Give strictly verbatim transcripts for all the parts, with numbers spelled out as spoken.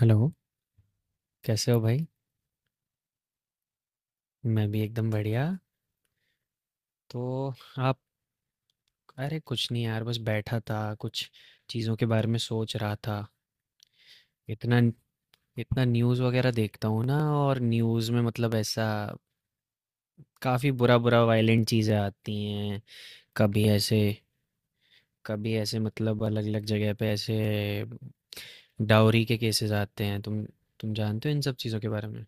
Hello, कैसे हो भाई? मैं भी एकदम बढ़िया। तो आप अरे कुछ नहीं यार, बस बैठा था, कुछ चीज़ों के बारे में सोच रहा था। इतना इतना न्यूज़ वगैरह देखता हूँ ना, और न्यूज़ में मतलब ऐसा काफ़ी बुरा बुरा वायलेंट चीज़ें आती हैं। कभी ऐसे कभी ऐसे मतलब अलग अलग जगह पे ऐसे डाउरी के केसेस आते हैं। तुम तुम जानते हो इन सब चीज़ों के बारे में?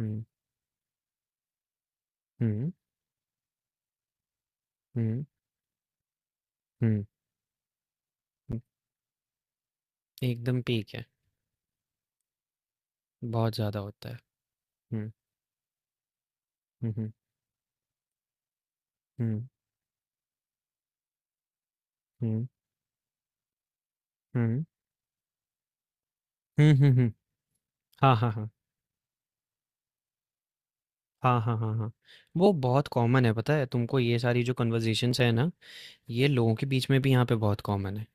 हम्म। हम्म। हम्म। हम्म। हम्म, एकदम पीक है। बहुत ज़्यादा होता है। हम्म। हुँ, हुँ। हुँ, हुँ, हुँ। हुँ, हुँ, हुँ। हाँ, हाँ, हाँ। हाँ, हाँ, हाँ, हाँ। वो बहुत कॉमन है पता है, तुमको ये सारी जो कन्वर्सेशंस है ना, ये लोगों के बीच में भी यहाँ पे बहुत कॉमन है।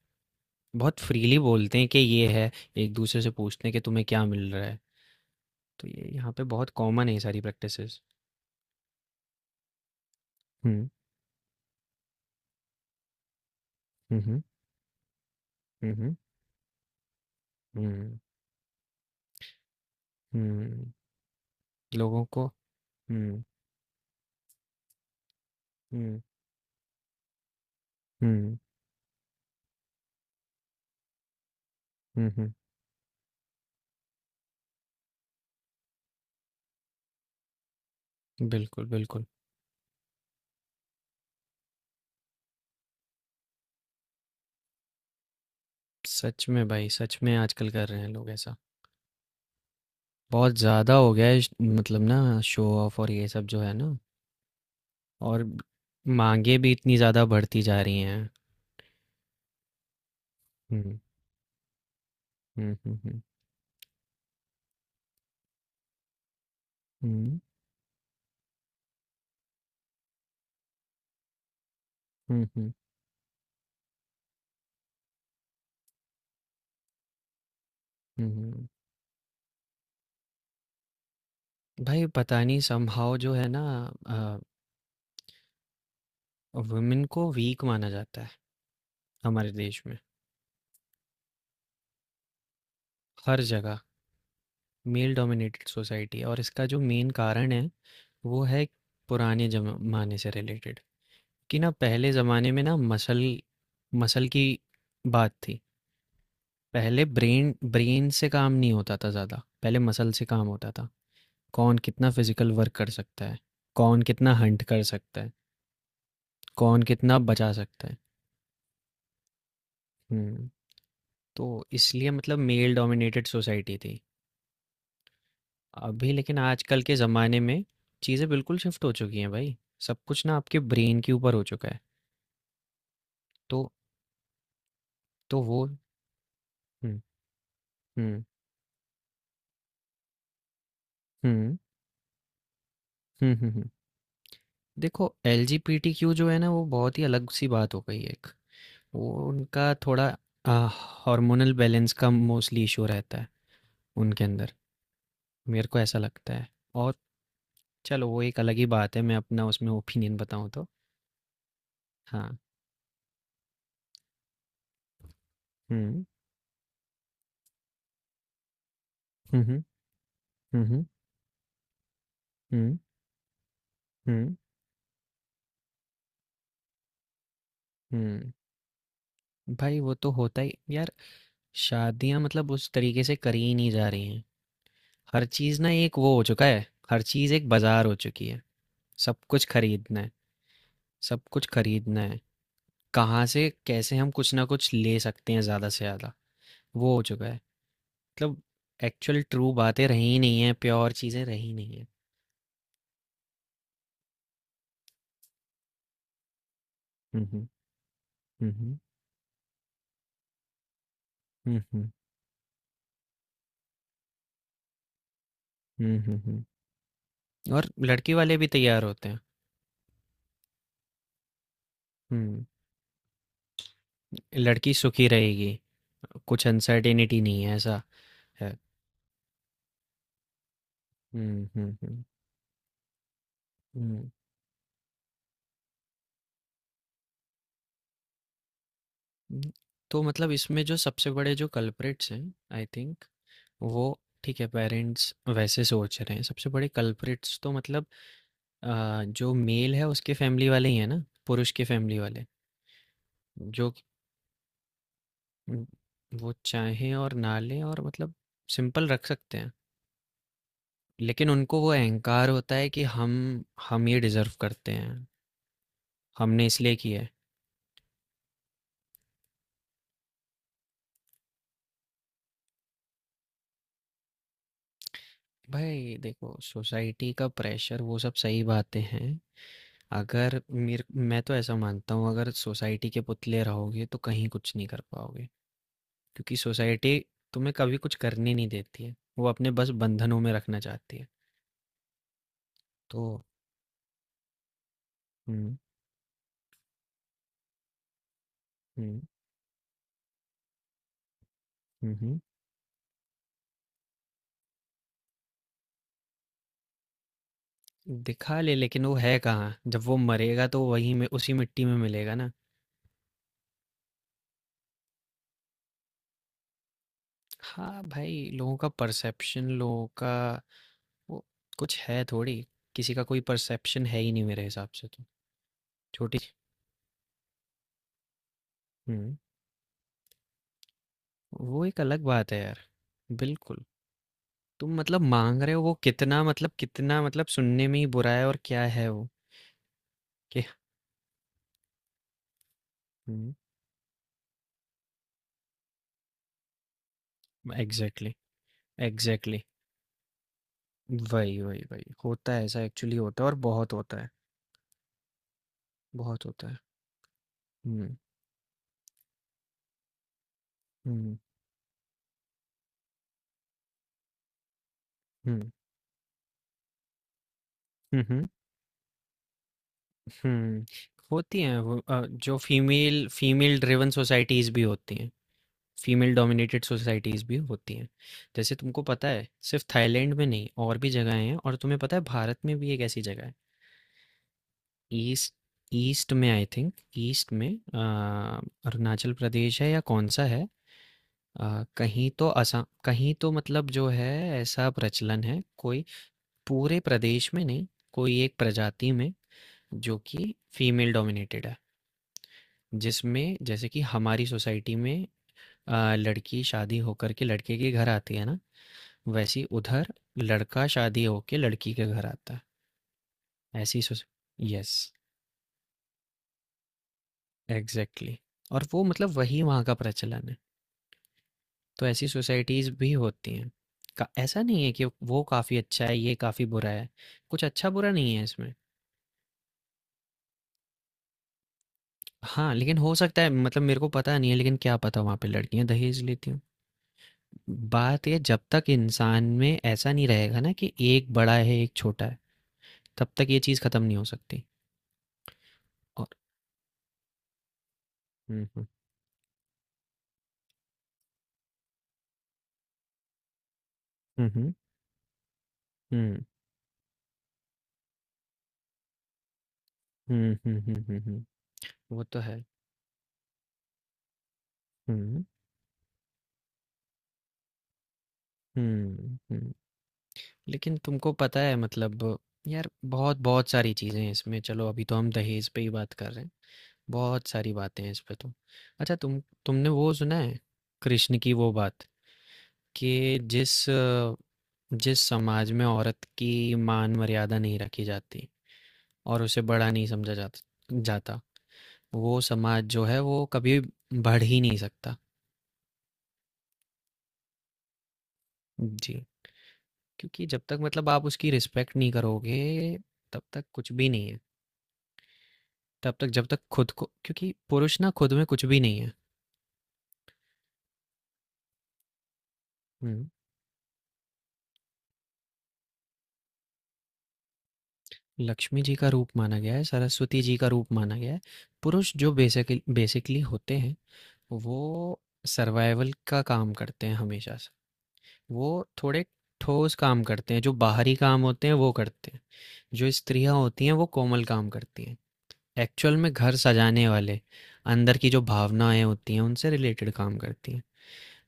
बहुत फ्रीली बोलते हैं कि ये है, एक-दूसरे से पूछते हैं कि तुम्हें क्या मिल रहा है। तो ये यहाँ पे बहुत कॉमन है ये सारी प्रैक्टिसेस। हुँ, हुँ, हुँ, हुँ, हुँ, हुँ, हुँ। लोगों को। हुँ, हुँ, हुँ, हुँ, हुँ। बिल्कुल, बिल्कुल। सच में भाई, सच में आजकल कर रहे हैं लोग ऐसा। बहुत ज़्यादा हो गया है श- मतलब ना शो ऑफ और ये सब जो है ना। और मांगे भी इतनी ज़्यादा बढ़ती जा रही हैं। हम्म। हम्म। हम्म। हम्म। हम्म। हम्म। हम्म, हम्म। भाई पता नहीं समहाउ जो है ना, वुमेन को वीक माना जाता है हमारे देश में। हर जगह मेल डोमिनेटेड सोसाइटी है, और इसका जो मेन कारण है वो है पुराने जमाने से रिलेटेड। कि ना पहले ज़माने में ना मसल मसल की बात थी। पहले ब्रेन ब्रेन से काम नहीं होता था ज़्यादा, पहले मसल से काम होता था। कौन कितना फिजिकल वर्क कर सकता है, कौन कितना हंट कर सकता है, कौन कितना बचा सकता है। हम्म। तो इसलिए मतलब मेल डोमिनेटेड सोसाइटी थी। अभी लेकिन आजकल के ज़माने में चीज़ें बिल्कुल शिफ्ट हो चुकी हैं भाई। सब कुछ ना आपके ब्रेन के ऊपर हो चुका है। तो तो वो। हम्म। हम्म। हम्म। हम्म। हम्म। हम्म। देखो L G B T Q जो है ना, वो बहुत ही अलग सी बात हो गई है एक। वो उनका थोड़ा अ, हार्मोनल बैलेंस का मोस्टली इशू रहता है उनके अंदर, मेरे को ऐसा लगता है। और चलो वो एक अलग ही बात है, मैं अपना उसमें ओपिनियन बताऊं तो। हाँ। हम्म। हम्म। हम्म। हम्म। हम्म। हम्म। हम्म। भाई वो तो होता ही यार। शादियां मतलब उस तरीके से करी ही नहीं जा रही हैं। हर चीज़ ना एक वो हो चुका है, हर चीज़ एक बाजार हो चुकी है। सब कुछ खरीदना है। सब कुछ खरीदना है। कहाँ से कैसे हम कुछ ना कुछ ले सकते हैं ज़्यादा से ज़्यादा, वो हो चुका है। मतलब एक्चुअल ट्रू बातें रही ही नहीं है, प्योर चीज़ें रही नहीं है। हुँ, हुँ। हुँ, हुँ। हुँ, हुँ। हुँ, हुँ, हुँ। और लड़के वाले भी तैयार होते हैं। हुँ, लड़की सुखी रहेगी, कुछ अनसर्टेनिटी नहीं है, ऐसा है। हुँ, हुँ, हुँ। हुँ, हुँ। तो मतलब इसमें जो सबसे बड़े जो कल्प्रिट्स हैं आई थिंक, वो ठीक है पेरेंट्स वैसे सोच रहे हैं, सबसे बड़े कल्प्रिट्स तो मतलब अ, जो मेल है उसके फैमिली वाले ही हैं ना, पुरुष के फैमिली वाले, जो उम, वो चाहें और ना लें, और मतलब सिंपल रख सकते हैं। लेकिन उनको वो अहंकार होता है कि हम हम ये डिज़र्व करते हैं, हमने इसलिए किया है। भाई देखो सोसाइटी का प्रेशर वो सब सही बातें हैं। अगर मेर मैं तो ऐसा मानता हूँ अगर सोसाइटी के पुतले रहोगे तो कहीं कुछ नहीं कर पाओगे। क्योंकि सोसाइटी तुम्हें कभी कुछ करने नहीं देती है। वो अपने बस बंधनों में रखना चाहती है। तो हुँ, हुँ। हुँ, हुँ। दिखा ले, लेकिन वो है कहाँ? जब वो मरेगा तो वही में उसी मिट्टी में मिलेगा ना। हाँ भाई, लोगों का परसेप्शन, लोगों का वो कुछ है थोड़ी। किसी का कोई परसेप्शन है ही नहीं मेरे हिसाब से तो। छोटी। हुँ, वो एक अलग बात है यार। बिल्कुल, तुम मतलब माँग रहे हो वो कितना मतलब कितना मतलब सुनने में ही बुरा है और क्या है वो? कि हुँ, एग्ज़ैक्टली, एग्ज़ैक्टली। वही, वही, वही। होता है ऐसा, एक्चुअली होता है और बहुत होता है, बहुत होता है। हुँ, हुँ, हुँ। हुँ, हुँ। हम्म, होती हैं वो अ, जो फीमेल फीमेल ड्रिवन सोसाइटीज़ भी होती हैं, फीमेल डोमिनेटेड सोसाइटीज़ भी होती हैं। जैसे तुमको पता है सिर्फ थाईलैंड में नहीं और भी जगहें हैं, और तुम्हें पता है भारत में भी एक ऐसी जगह है। ईस्ट ईस्ट में आई थिंक, ईस्ट में अ, अरुणाचल प्रदेश है या कौन सा है, अ, कहीं तो असम कहीं तो मतलब जो है, ऐसा प्रचलन है कोई। पूरे प्रदेश में नहीं, कोई एक प्रजाति में जो कि फीमेल डोमिनेटेड है। जिसमें जैसे कि हमारी सोसाइटी में अ, लड़की शादी होकर के लड़के के घर आती है ना, वैसी उधर लड़का शादी होके लड़की के घर आता है। ऐसी सोस यस, एग्जैक्टली। और वो मतलब वही वहाँ का प्रचलन है। तो ऐसी सोसाइटीज भी होती हैं। का ऐसा नहीं है कि वो काफ़ी अच्छा है ये काफ़ी बुरा है, कुछ अच्छा बुरा नहीं है इसमें। हाँ लेकिन हो सकता है मतलब मेरे को पता नहीं है, लेकिन क्या पता वहाँ पे लड़कियाँ दहेज लेती हों। बात ये, जब तक इंसान में ऐसा नहीं रहेगा ना कि एक बड़ा है एक छोटा है, तब तक ये चीज़ खत्म नहीं हो सकती। और हुँ, हुँ, हुँ, हुँ, हुँ, हुँ, हुँ, हुँ, हुँ, हुँ, वो तो है। हुँ, हुँ, हुँ। लेकिन तुमको पता है मतलब, यार बहुत बहुत सारी चीज़ें हैं इसमें, चलो अभी तो हम दहेज पे ही बात कर रहे हैं, बहुत सारी बातें हैं इस पे तो। अच्छा तुम तुमने वो सुना है, कृष्ण की वो बात कि जिस अ, जिस समाज में औरत की मान मर्यादा नहीं रखी जाती, और उसे बड़ा नहीं समझा जाता जाता, वो समाज जो है वो कभी बढ़ ही नहीं सकता। जी। क्योंकि जब तक मतलब आप उसकी रिस्पेक्ट नहीं करोगे तब तक कुछ भी नहीं है। तब तक जब तक खुद को, क्योंकि पुरुष ना खुद में कुछ भी नहीं है। हम्म। लक्ष्मी जी का रूप माना गया है, सरस्वती जी का रूप माना गया है। पुरुष जो बेसिकली बेसिकली होते हैं, वो सर्वाइवल का काम करते हैं हमेशा से। वो थोड़े ठोस काम करते हैं, जो बाहरी काम होते हैं वो करते हैं। जो स्त्रियां होती हैं वो कोमल काम करती हैं, एक्चुअल में घर सजाने वाले अंदर की जो भावनाएं होती हैं उनसे रिलेटेड काम करती हैं।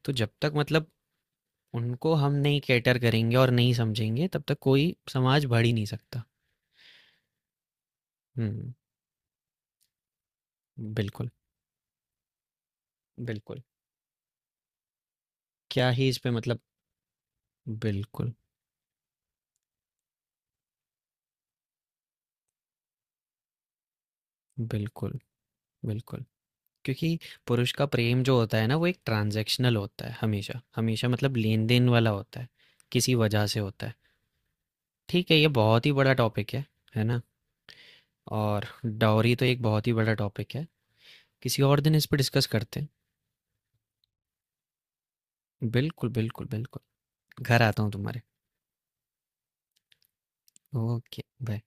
तो जब तक मतलब उनको हम नहीं कैटर करेंगे और नहीं समझेंगे, तब तक कोई समाज बढ़ ही नहीं सकता। हम्म। बिल्कुल। बिल्कुल। क्या ही इस पे मतलब। बिल्कुल बिल्कुल बिल्कुल। क्योंकि पुरुष का प्रेम जो होता है ना वो एक ट्रांजैक्शनल होता है, हमेशा हमेशा मतलब लेन देन वाला होता है, किसी वजह से होता है। ठीक है, ये बहुत ही बड़ा टॉपिक है है ना? और डाउरी तो एक बहुत ही बड़ा टॉपिक है, किसी और दिन इस पर डिस्कस करते हैं। बिल्कुल बिल्कुल बिल्कुल, घर आता हूँ तुम्हारे। Okay, bye.